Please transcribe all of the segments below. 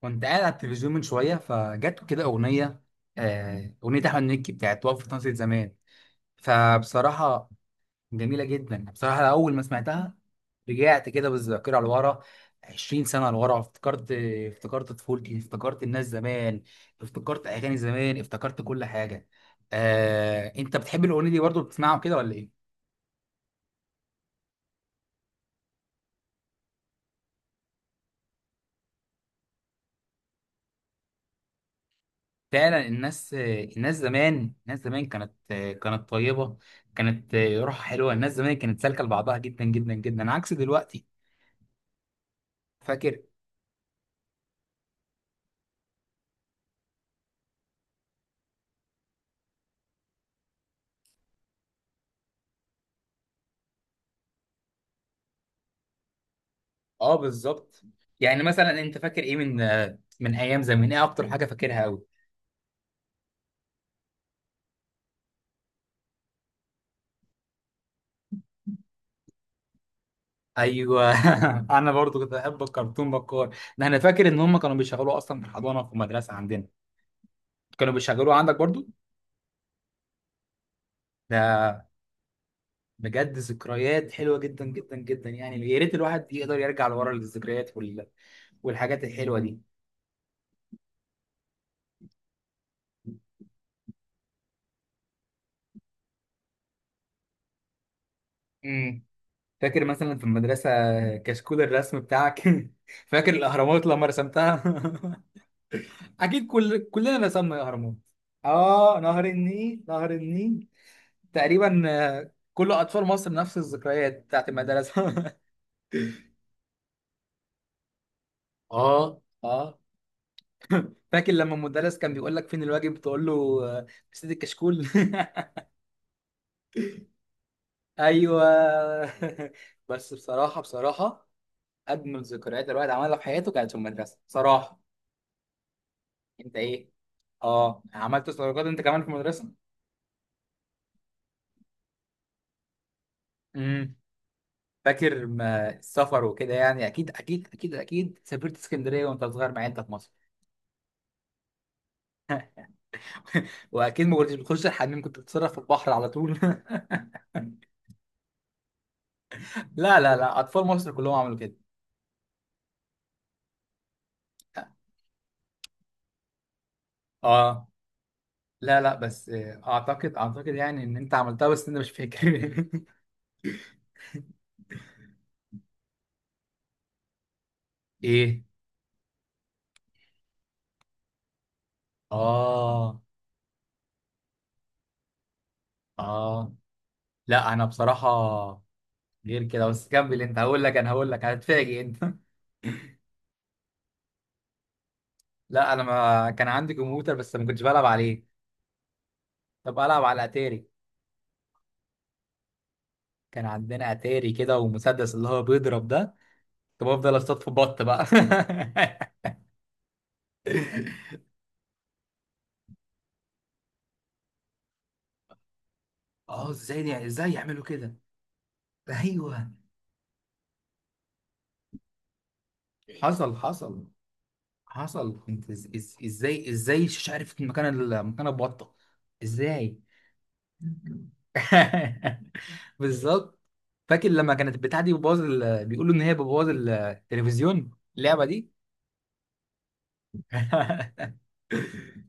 كنت قاعد على التلفزيون من شويه فجت كده اغنيه. اغنيه احمد مكي بتاعت وقفه ناصية زمان. فبصراحه جميله جدا، بصراحه اول ما سمعتها رجعت كده بالذاكره لورا 20 سنه لورا. افتكرت طفولتي، افتكرت الناس زمان، افتكرت اغاني زمان، افتكرت كل حاجه. انت بتحب الاغنيه دي برضه، بتسمعها كده ولا ايه؟ فعلا الناس زمان، الناس زمان كانت طيبة، كانت روحها حلوة. الناس زمان كانت سالكة لبعضها جدا جدا جدا، عكس دلوقتي. فاكر. اه بالظبط. يعني مثلا انت فاكر ايه من ايام زمان؟ ايه اكتر حاجة فاكرها قوي؟ ايوه. انا برضو كنت بحب الكرتون بكار ده. انا فاكر ان هم كانوا بيشغلوه اصلا في الحضانة، في المدرسة عندنا. كانوا بيشغلوه عندك برضو. ده بجد ذكريات حلوة جدا جدا جدا، يعني يا ريت الواحد يقدر يرجع لورا للذكريات والحاجات الحلوة دي. امم. فاكر مثلا في المدرسة كشكول الرسم بتاعك. فاكر الأهرامات لما رسمتها. أكيد كلنا رسمنا الأهرامات. آه، نهر النيل، نهر النيل. تقريبا كل أطفال مصر نفس الذكريات بتاعت المدرسة. اه. آه. فاكر لما المدرس كان بيقول لك فين الواجب، تقول له آه، في سيد الكشكول. أيوه. بس بصراحة أجمل ذكريات الواحد عملها في حياته كانت في المدرسة، بصراحة. أنت إيه؟ اه، عملت صداقات انت كمان في المدرسه. امم. فاكر ما السفر وكده؟ يعني اكيد اكيد اكيد اكيد سافرت اسكندريه وانت صغير، مع انت في مصر. واكيد ما كنتش بتخش الحمام، كنت بتتصرف في البحر على طول. لا لا لا، اطفال مصر كلهم عملوا كده. اه. لا لا، بس اعتقد يعني ان انت عملتها، بس انت مش فاكر. ايه. اه اه. لا انا بصراحه غير كده، بس كمل انت هقول لك، انا هقول لك هتفاجئ انت. لا انا ما كان عندي كمبيوتر، بس ما كنتش بلعب عليه. طب العب على اتاري. كان عندنا اتاري كده ومسدس اللي هو بيضرب ده. طب افضل اصطاد في بط بقى. اه، ازاي دي؟ ازاي يعملوا كده؟ ايوه. حصل حصل حصل. كنت، ازاي مش عارف مكان مكان البطه، ازاي. بالظبط. فاكر لما كانت البتاعه دي بيقولوا ان هي بتبوظ التلفزيون، اللعبه دي.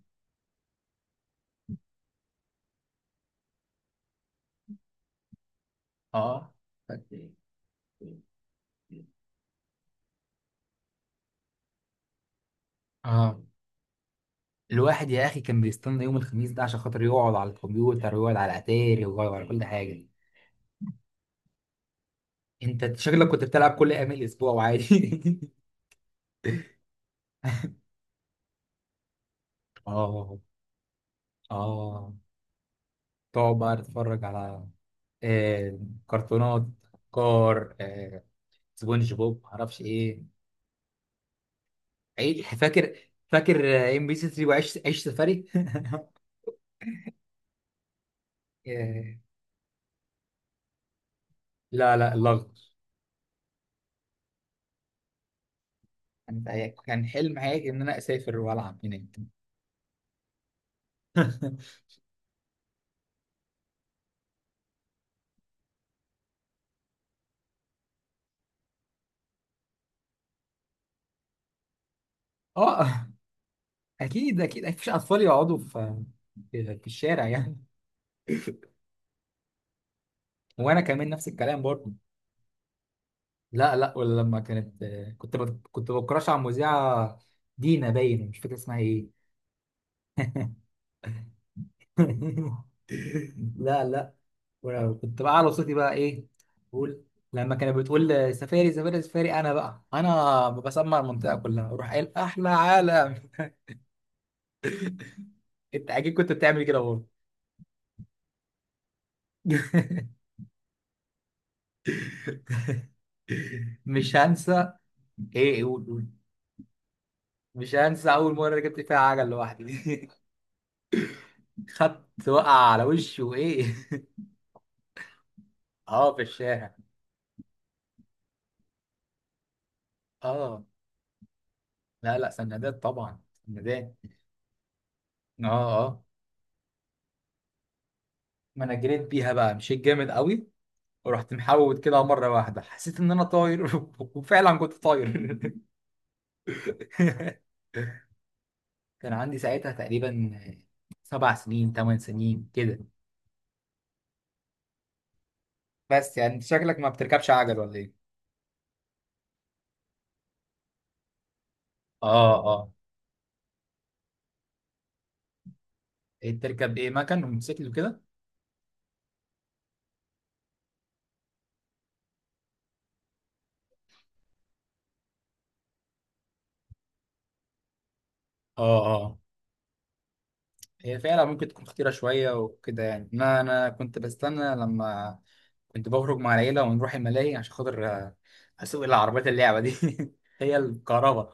اه اه. الواحد يا اخي كان بيستنى يوم الخميس ده، عشان خاطر يقعد على الكمبيوتر، ويقعد على اتاري، ويقعد على كل حاجه. انت شكلك كنت بتلعب كل ايام الاسبوع وعادي. اه اه. تقعد بقى تتفرج على آه كرتونات، كار آه سبونج بوب، معرفش ايه. عيد فاكر؟ فاكر ام بي سي 3 وعيش عيش سفاري. آه، لا لا، الاخضر. كان حلم حياتي ان انا اسافر والعب هناك. اه، اكيد اكيد مفيش اطفال يقعدوا في في الشارع يعني. وانا كمان نفس الكلام برضه. لا لا، ولا لما كانت، كنت بكراش على المذيعه دينا، باين مش فاكر اسمها ايه. لا لا. وأنا كنت بقى على صوتي بقى، ايه بقول، لما كانت بتقول سفاري سفاري سفاري، انا بسمع المنطقه كلها، اروح قايل احلى عالم. انت اكيد كنت بتعمل كده برضه. مش هنسى. ايه؟ قول. مش هنسى اول مره جبت فيها عجل لوحدي. خدت وقع على وشي وايه. اه، في الشارع. اه، لا لا، سندات طبعا، سندات. اه اه. ما انا جريت بيها بقى، مشيت جامد قوي، ورحت محوت كده مره واحده، حسيت ان انا طاير. وفعلا كنت طاير. كان عندي ساعتها تقريبا 7 سنين، 8 سنين كده. بس يعني انت شكلك ما بتركبش عجل ولا ايه؟ اه اه. ايه بتركب؟ ايه مكن وموتوسيكل وكده؟ اه اه. هي فعلا ممكن تكون خطيرة شوية وكده يعني. أنا كنت بستنى لما كنت بخرج مع العيلة ونروح الملاهي عشان خاطر أسوق العربيات، اللعبة دي. هي الكهرباء.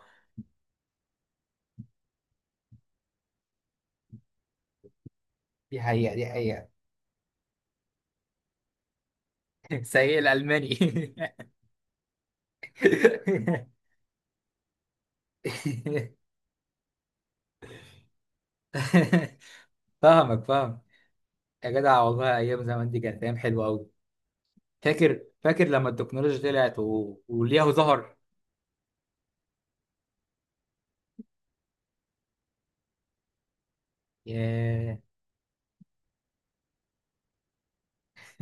دي حقيقة، دي حقيقة. سيء الألماني. فاهمك، فاهم. يا جدع والله أيام زمان دي كانت أيام حلوة أوي. فاكر لما التكنولوجيا طلعت ولياهو ظهر. ياه.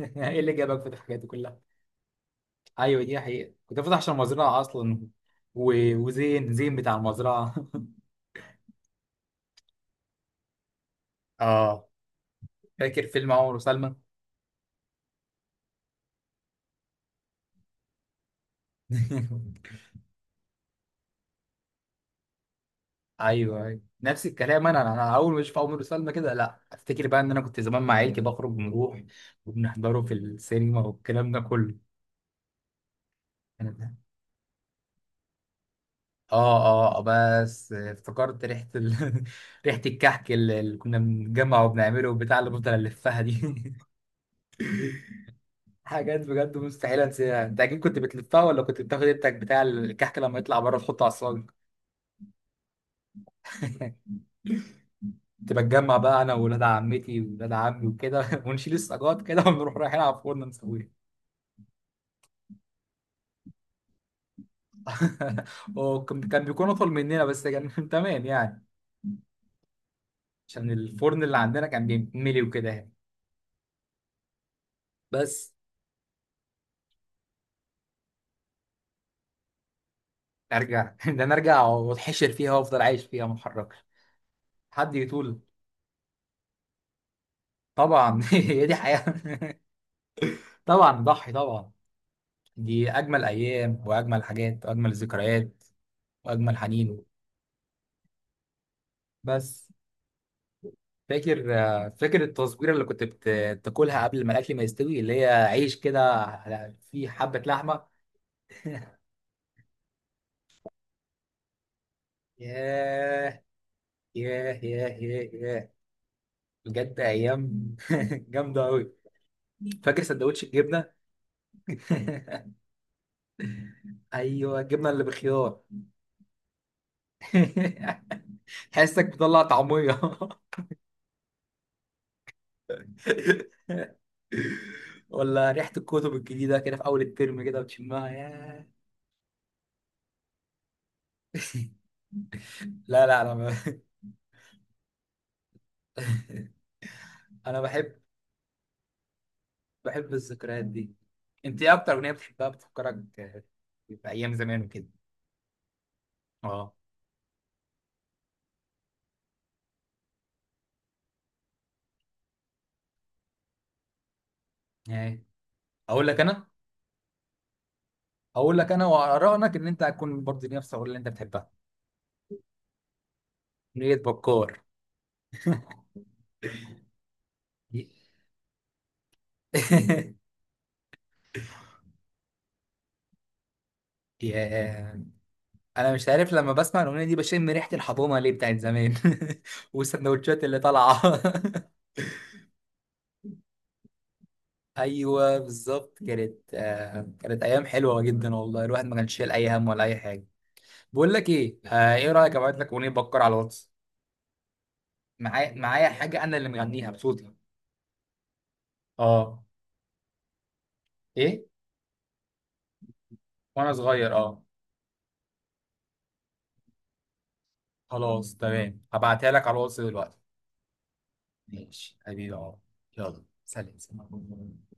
إيه اللي جابك في الحاجات دي كلها؟ ايوه دي حقيقة، كنت فاتح عشان المزرعة اصلا وزين، زين بتاع المزرعة. اه. فاكر فيلم عمر وسلمى؟ ايوه ايوه، نفس الكلام. انا اول ما اشوف عمر وسلمى كده، لا افتكر بقى ان انا كنت زمان مع عيلتي بخرج ونروح، وبنحضره في السينما، والكلام ده كله. أنا- اه اه، بس افتكرت ريحة ريحة الكحك، اللي كنا بنجمع وبنعمله، بتاع اللي بفضل الفها دي. حاجات بجد مستحيل انساها. انت اكيد كنت بتلفها، ولا كنت بتاخد التك بتاع الكحك لما يطلع بره تحطه على الصاج. كنت بتجمع بقى انا وولاد عمتي وولاد عمي وكده، ونشيل السجاد كده، ونروح رايحين على الفرن نسويها. وكان بيكون اطول مننا، بس كان تمام يعني، عشان الفرن اللي عندنا كان بيتملي وكده يعني. بس ارجع. ده انا ارجع واتحشر فيها وافضل عايش فيها ما اتحركش، حد يطول. طبعا. هي دي حياة. طبعا ضحي طبعا. دي أجمل أيام، وأجمل حاجات، وأجمل ذكريات، وأجمل حنين. بس فاكر التصويرة اللي بتاكلها قبل ما الأكل ما يستوي، اللي هي عيش كده فيه حبة لحمة. ياه ياه ياه ياه ياه. بجد أيام جامدة أوي. فاكر سندوتش الجبنة؟ أيوه الجبنة اللي بخيار. حاسك بتطلع طعمية. ولا ريحة الكتب الجديدة كده في أول الترم كده بتشمها، ياه. لا لا، انا انا بحب الذكريات دي. انت ايه اكتر اغنيه بتحبها بتفكرك بايام زمان وكده؟ اه يعني. اقول لك انا اقول لك انا وارائك ان انت هتكون برضه نفس الاغنيه اللي انت بتحبها، اغنيه بكار. يا. انا مش عارف لما بسمع الاغنيه دي بشم ريحه الحضانه ليه بتاعت زمان. والسندوتشات اللي طالعه. ايوه بالظبط. كانت ايام حلوه جدا والله، الواحد ما كانش شايل اي هم ولا اي حاجه. بقول لك ايه، ايه رايك ابعت لك اغنيه بكر على الواتس؟ معايا حاجه انا اللي مغنيها بصوتي. اه. ايه وانا صغير اه. خلاص تمام، هبعتها لك على الواتس دلوقتي. ماشي حبيبي اه. يلا، سلام سلام.